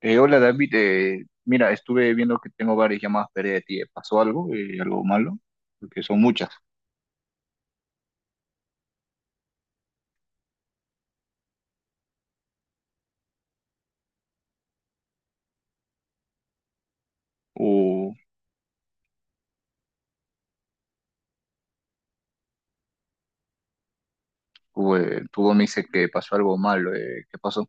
Hola David, mira, estuve viendo que tengo varias llamadas perdidas de ti. ¿Eh? ¿Pasó algo? ¿Algo malo? Porque son muchas. O, tu voz me dice que pasó algo malo. ¿Qué pasó?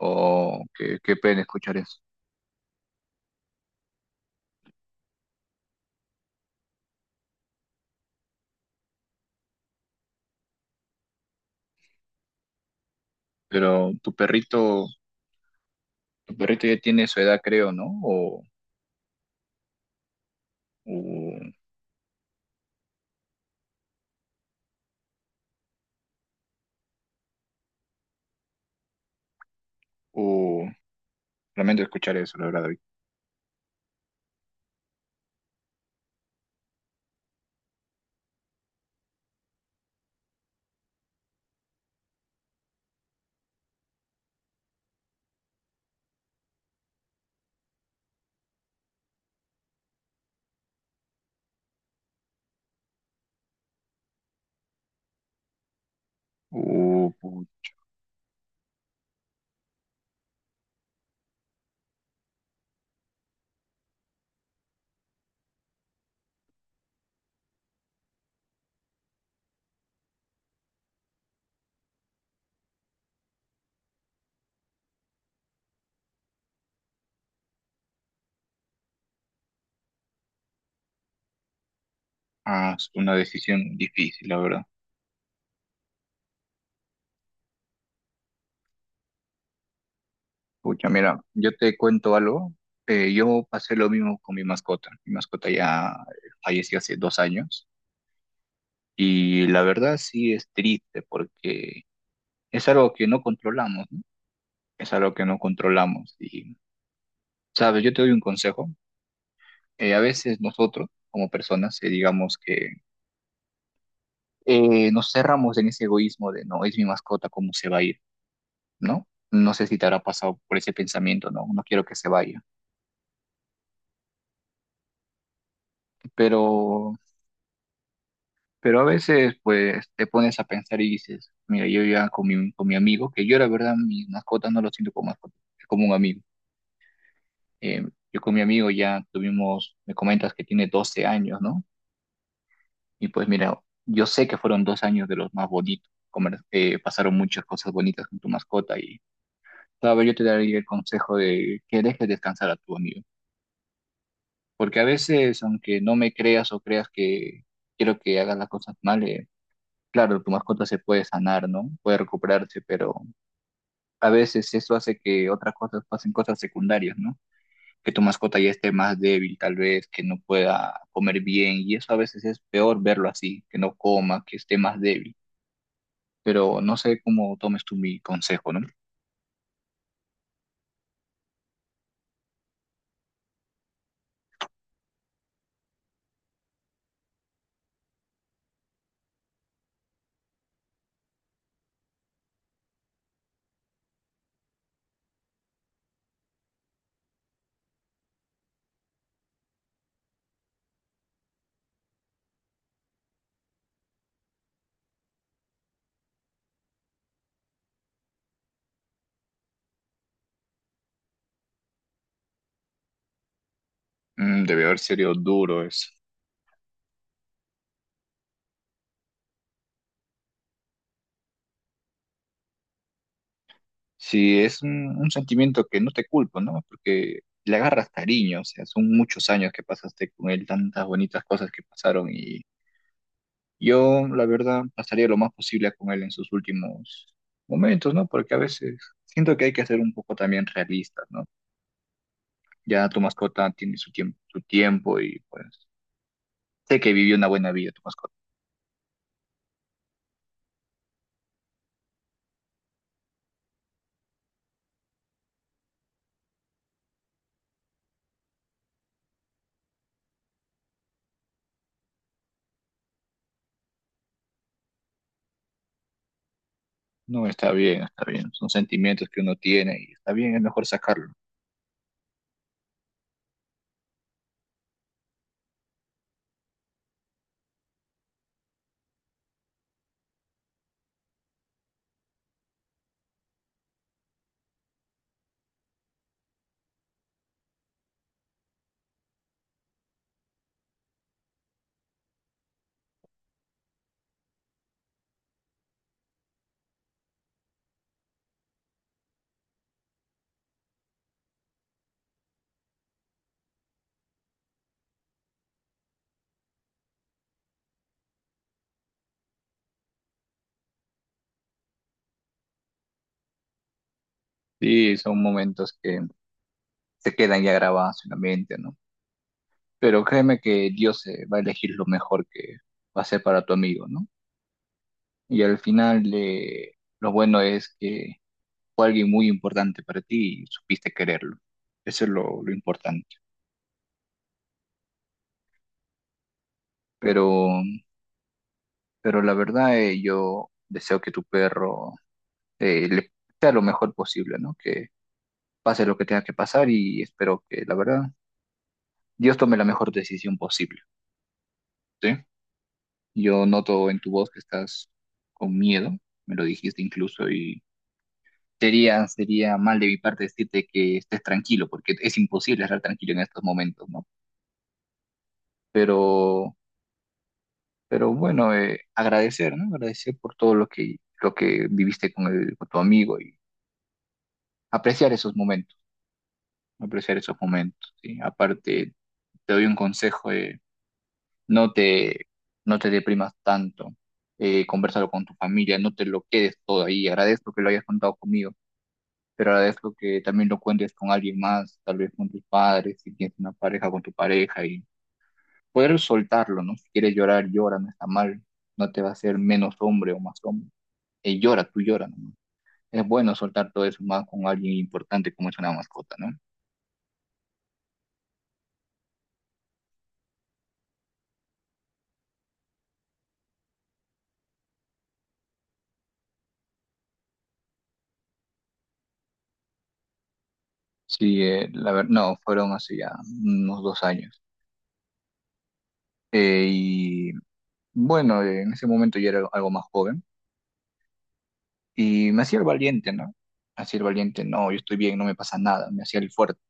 O que qué pena escuchar eso. Pero tu perrito, tu perrito ya tiene su edad, creo, ¿no? O, o- lamento escuchar eso, la verdad, David. O, o- es una decisión difícil, la verdad. Pucha, mira, yo te cuento algo. Yo pasé lo mismo con mi mascota. Mi mascota ya falleció hace 2 años y la verdad sí es triste porque es algo que no controlamos, ¿no? Es algo que no controlamos. Y, sabes, yo te doy un consejo. A veces nosotros, como personas, digamos que nos cerramos en ese egoísmo de no, es mi mascota, ¿cómo se va a ir? ¿No? No sé si te habrá pasado por ese pensamiento, no, no quiero que se vaya. Pero Pero a veces, pues, te pones a pensar y dices, mira, yo ya con mi amigo, que yo la verdad, mis mascotas no lo siento como mascotas, es como un amigo. Eh, yo con mi amigo ya tuvimos, me comentas que tiene 12 años, ¿no? Y pues mira, yo sé que fueron 2 años de los más bonitos, pasaron muchas cosas bonitas con tu mascota y tal vez yo te daría el consejo de que dejes descansar a tu amigo. Porque a veces, aunque no me creas o creas que quiero que hagas las cosas mal, claro, tu mascota se puede sanar, ¿no? Puede recuperarse, pero a veces eso hace que otras cosas pasen cosas secundarias, ¿no? Que tu mascota ya esté más débil, tal vez, que no pueda comer bien, y eso a veces es peor verlo así, que no coma, que esté más débil. Pero no sé cómo tomes tú mi consejo, ¿no? Mm, debe haber sido duro eso. Sí, es un sentimiento que no te culpo, ¿no? Porque le agarras cariño, o sea, son muchos años que pasaste con él, tantas bonitas cosas que pasaron y yo, la verdad, pasaría lo más posible con él en sus últimos momentos, ¿no? Porque a veces siento que hay que ser un poco también realistas, ¿no? Ya tu mascota tiene su tiempo y pues sé que vivió una buena vida tu mascota. No, está bien, está bien. Son sentimientos que uno tiene y está bien, es mejor sacarlo. Sí, son momentos que se quedan ya grabados en la mente, ¿no? Pero créeme que Dios va a elegir lo mejor que va a ser para tu amigo, ¿no? Y al final, lo bueno es que fue alguien muy importante para ti y supiste quererlo. Eso es lo importante. Pero, pero la verdad, yo deseo que tu perro le sea lo mejor posible, ¿no? Que pase lo que tenga que pasar y espero que, la verdad, Dios tome la mejor decisión posible, ¿sí? Yo noto en tu voz que estás con miedo, me lo dijiste incluso, y sería mal de mi parte decirte que estés tranquilo, porque es imposible estar tranquilo en estos momentos, ¿no? Pero Pero bueno, agradecer, ¿no? Agradecer por todo lo que viviste con, con tu amigo y apreciar esos momentos, apreciar esos momentos, ¿sí? Aparte, te doy un consejo, no te, no te deprimas tanto, conversalo con tu familia, no te lo quedes todo ahí. Agradezco que lo hayas contado conmigo, pero agradezco que también lo cuentes con alguien más, tal vez con tus padres, si tienes una pareja, con tu pareja y poder soltarlo, ¿no? Si quieres llorar, llora, no está mal, no te va a hacer menos hombre o más hombre. Él llora, tú lloras, ¿no? Es bueno soltar todo eso más con alguien importante como es una mascota, ¿no? Sí, la verdad, no, fueron hace ya unos 2 años. Y bueno, en ese momento yo era algo más joven y me hacía el valiente, ¿no? Me hacía el valiente, no, yo estoy bien, no me pasa nada, me hacía el fuerte.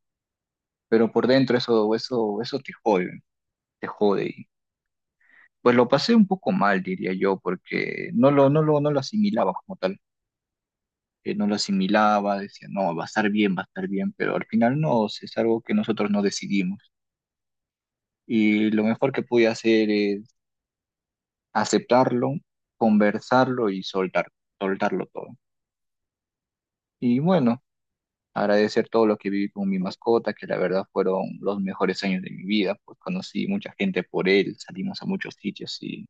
Pero por dentro eso te jode, te jode. Y pues lo pasé un poco mal, diría yo, porque no lo asimilaba como tal. No lo asimilaba, decía, no, va a estar bien, va a estar bien, pero al final no, si es algo que nosotros no decidimos. Y lo mejor que pude hacer es aceptarlo, conversarlo y soltarlo todo. Y bueno, agradecer todo lo que viví con mi mascota, que la verdad fueron los mejores años de mi vida, pues conocí mucha gente por él, salimos a muchos sitios y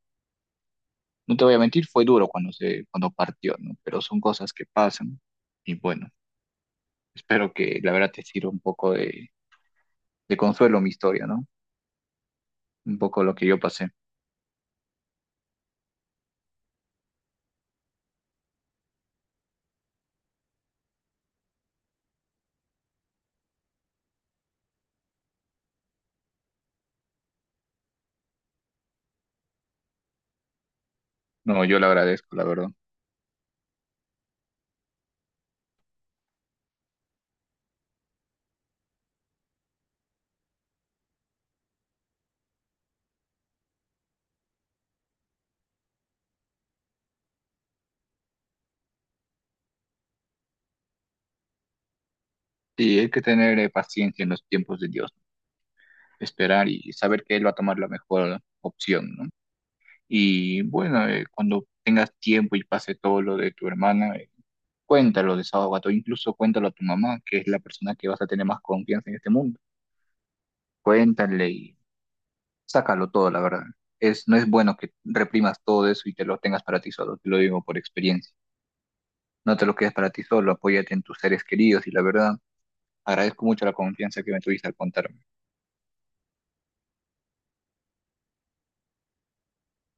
no te voy a mentir, fue duro cuando cuando partió, ¿no? Pero son cosas que pasan y bueno, espero que la verdad te sirva un poco de consuelo mi historia, ¿no? Un poco lo que yo pasé. No, yo le agradezco, la verdad. Y hay que tener paciencia en los tiempos de Dios, ¿no? Esperar y saber que Él va a tomar la mejor opción, ¿no? Y bueno, cuando tengas tiempo y pase todo lo de tu hermana, cuéntalo, desahógate, o incluso cuéntalo a tu mamá, que es la persona que vas a tener más confianza en este mundo. Cuéntale y sácalo todo, la verdad. Es, no es bueno que reprimas todo eso y te lo tengas para ti solo, te lo digo por experiencia. No te lo quedes para ti solo, apóyate en tus seres queridos y la verdad. Agradezco mucho la confianza que me tuviste al contarme.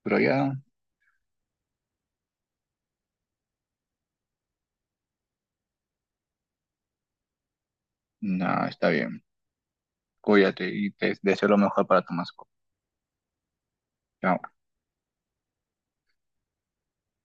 Pero ya, nada, está bien. Cuídate y te deseo lo mejor para tu Chao.